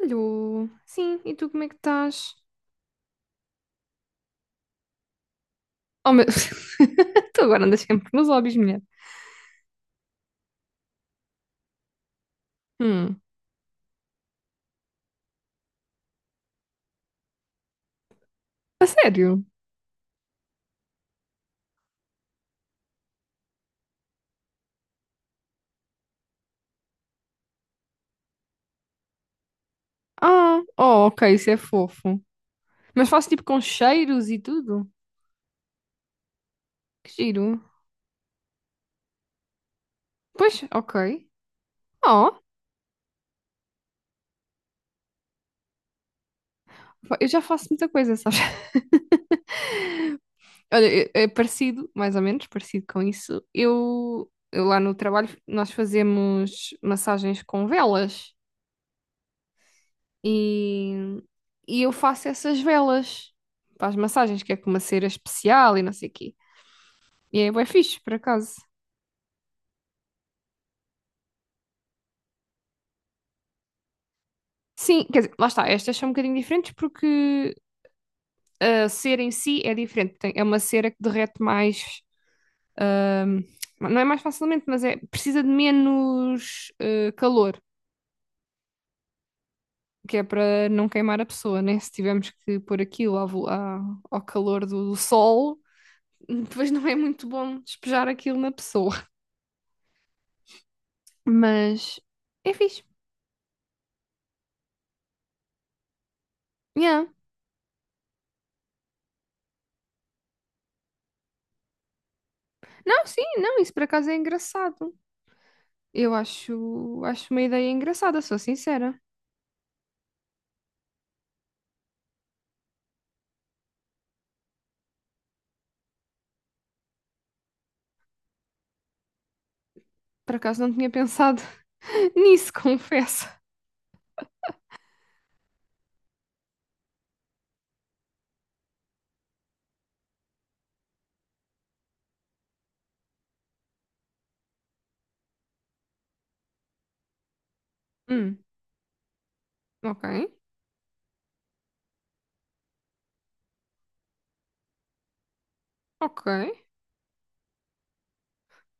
Alô, sim, e tu como é que estás? Oh, meu... Tu agora andas sempre nos hobbies, mulher. Hum, a sério? Ah, oh, ok, isso é fofo. Mas faço tipo com cheiros e tudo? Que giro. Pois, ok. Oh, eu já faço muita coisa, sabes? Olha, é parecido, mais ou menos, parecido com isso. Eu lá no trabalho, nós fazemos massagens com velas e, e eu faço essas velas para as massagens, que é com uma cera especial e não sei o quê. E é bué fixe, por acaso. Sim, quer dizer, lá está, estas são um bocadinho diferentes porque a cera em si é diferente. Tem- é uma cera que derrete mais, ahm, não é mais facilmente, mas é, precisa de menos calor, que é para não queimar a pessoa, né? Se tivermos que pôr aquilo à vo- à- ao calor do, do sol, depois não é muito bom despejar aquilo na pessoa. Mas é fixe. Yeah. Não, sim, não, isso por acaso é engraçado. Eu acho, acho uma ideia engraçada, sou sincera. Por acaso não tinha pensado nisso, confesso. Hum, ok, ok.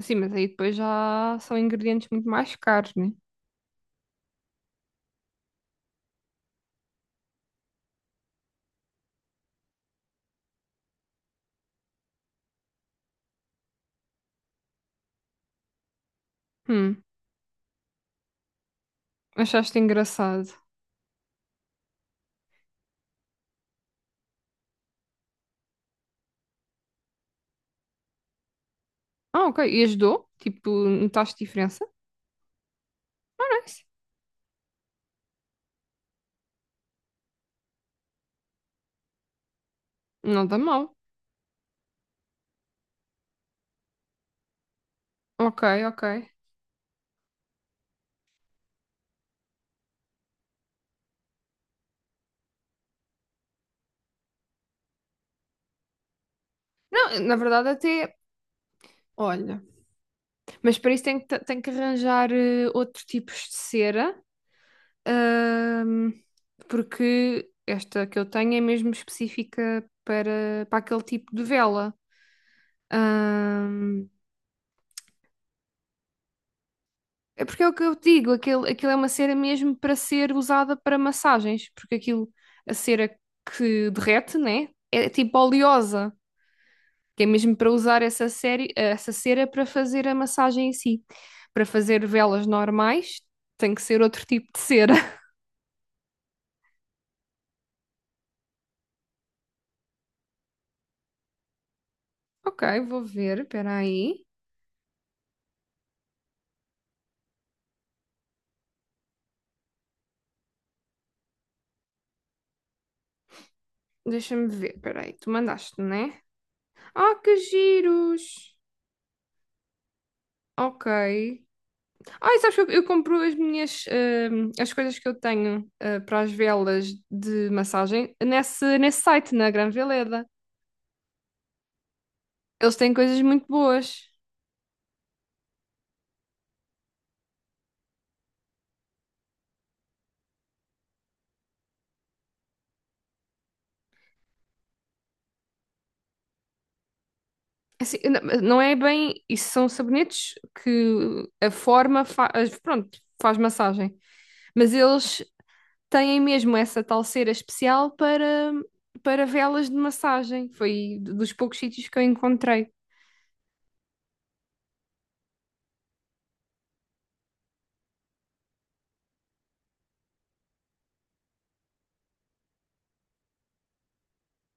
Sim, mas aí depois já são ingredientes muito mais caros, né? Hum, achaste engraçado. Ah, ok. E ajudou? Tipo, notaste diferença? Ah, nice. Não dá mal. Ok, ok. Não, na verdade até, olha, mas para isso tem que arranjar outros tipos de cera, ahm, porque esta que eu tenho é mesmo específica para, para aquele tipo de vela. Ahm, é porque é o que eu digo, aquilo é uma cera mesmo para ser usada para massagens, porque aquilo, a cera que derrete, né? É tipo oleosa, que é mesmo para usar essa, série, essa cera para fazer a massagem em si. Para fazer velas normais, tem que ser outro tipo de cera. Ok, vou ver, espera aí. Deixa-me ver, espera aí, tu mandaste, né? Ah, que giros! Ok. Ai, sabes que eu compro as minhas, as coisas que eu tenho, ah, para as velas de massagem nesse, nesse site, na Gran Veleda. Eles têm coisas muito boas. Assim, n- não é bem, isso são sabonetes que a forma faz, pronto, faz massagem. Mas eles têm mesmo essa tal cera especial para, para velas de massagem. Foi dos poucos sítios que eu encontrei.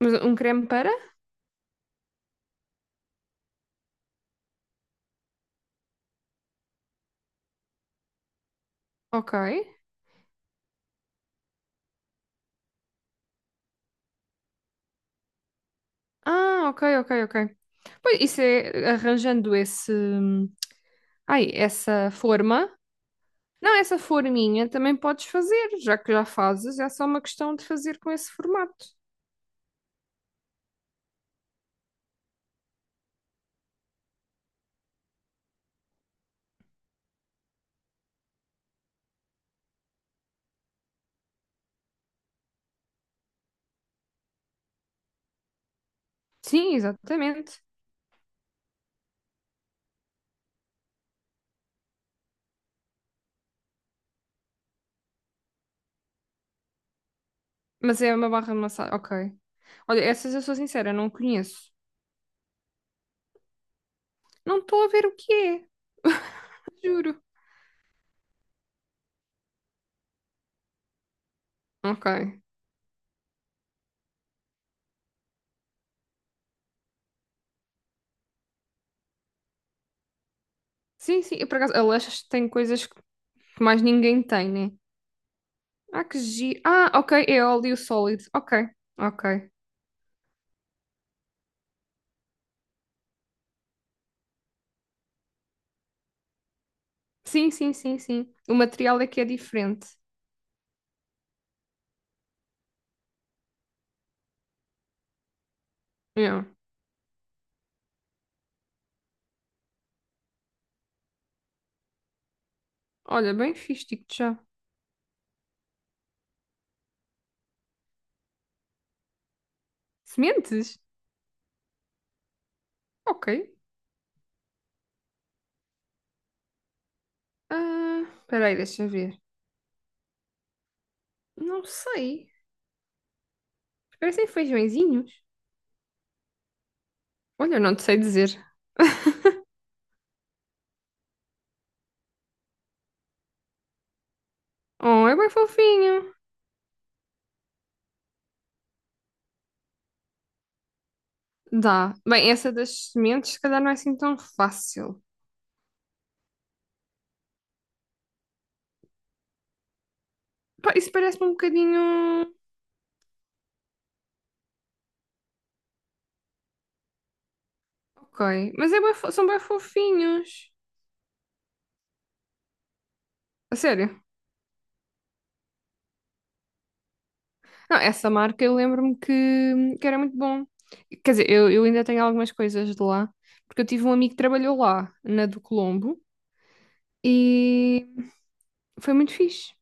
Mas um creme para? Ok. Ah, ok, ok, ok. Pois, isso é arranjando esse, ai, essa forma. Não, essa forminha também podes fazer, já que já fazes, é só uma questão de fazer com esse formato. Sim, exatamente. Mas é uma barra de massagem. Ok. Olha, essas eu sou sincera, não conheço. Não estou a ver o que é, juro. Ok. Sim, sim. Eu, por acaso, Aleixas tem coisas que mais ninguém tem, né? Ah, que giro. Ah, ok, é óleo sólido. Ok, ok. Sim, sim, sim, sim. O material é que é diferente. Yeah. Olha, bem fixe, digo-te já. Sementes? Ok. Ah, espera aí, deixa ver. Não sei. Parecem feijõezinhos. Olha, não te sei dizer. Oh, é bem fofinho. Dá. Bem, essa das sementes, se calhar não é assim tão fácil. Pá, isso parece-me um bocadinho. Ok. Mas é bué fo- são bem fofinhos. A sério. Não, essa marca eu lembro-me que era muito bom. Quer dizer, eu ainda tenho algumas coisas de lá, porque eu tive um amigo que trabalhou lá, na do Colombo. E foi muito fixe.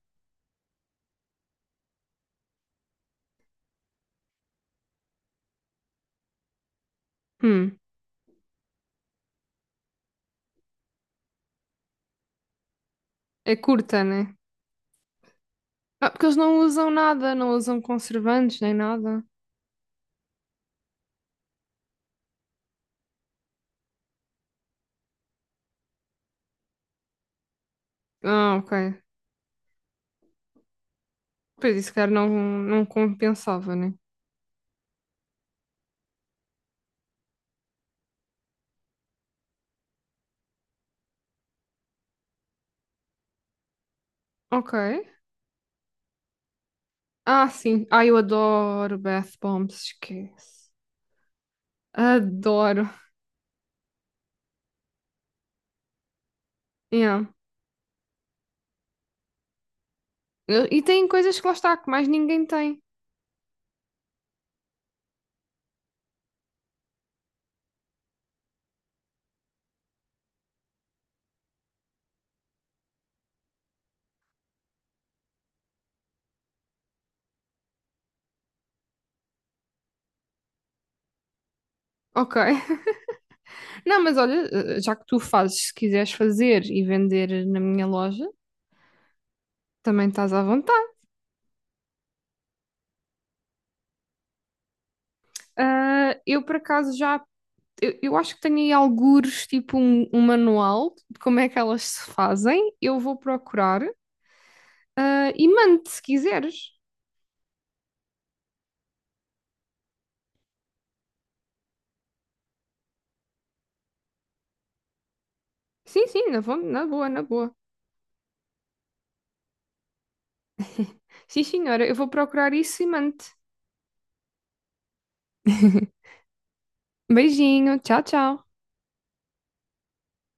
Hum, é curta, né? Ah, porque eles não usam nada, não usam conservantes nem nada. Ah, ok. Pois isso, cara, não, não compensava, né? Ok. Ah, sim. Ah, eu adoro bath bombs, esquece. Adoro. Yeah. E tem coisas que lá está, que mais ninguém tem. Ok. Não, mas olha, já que tu fazes, se quiseres fazer e vender na minha loja, também estás à vontade. Ah, eu, por acaso, já eu acho que tenho aí algures, tipo um, um manual de como é que elas se fazem. Eu vou procurar, ah, e mando se quiseres. Sim, sim, na, vo- na boa, na boa. Sim, senhora, eu vou procurar isso e mando. Beijinho, tchau, tchau.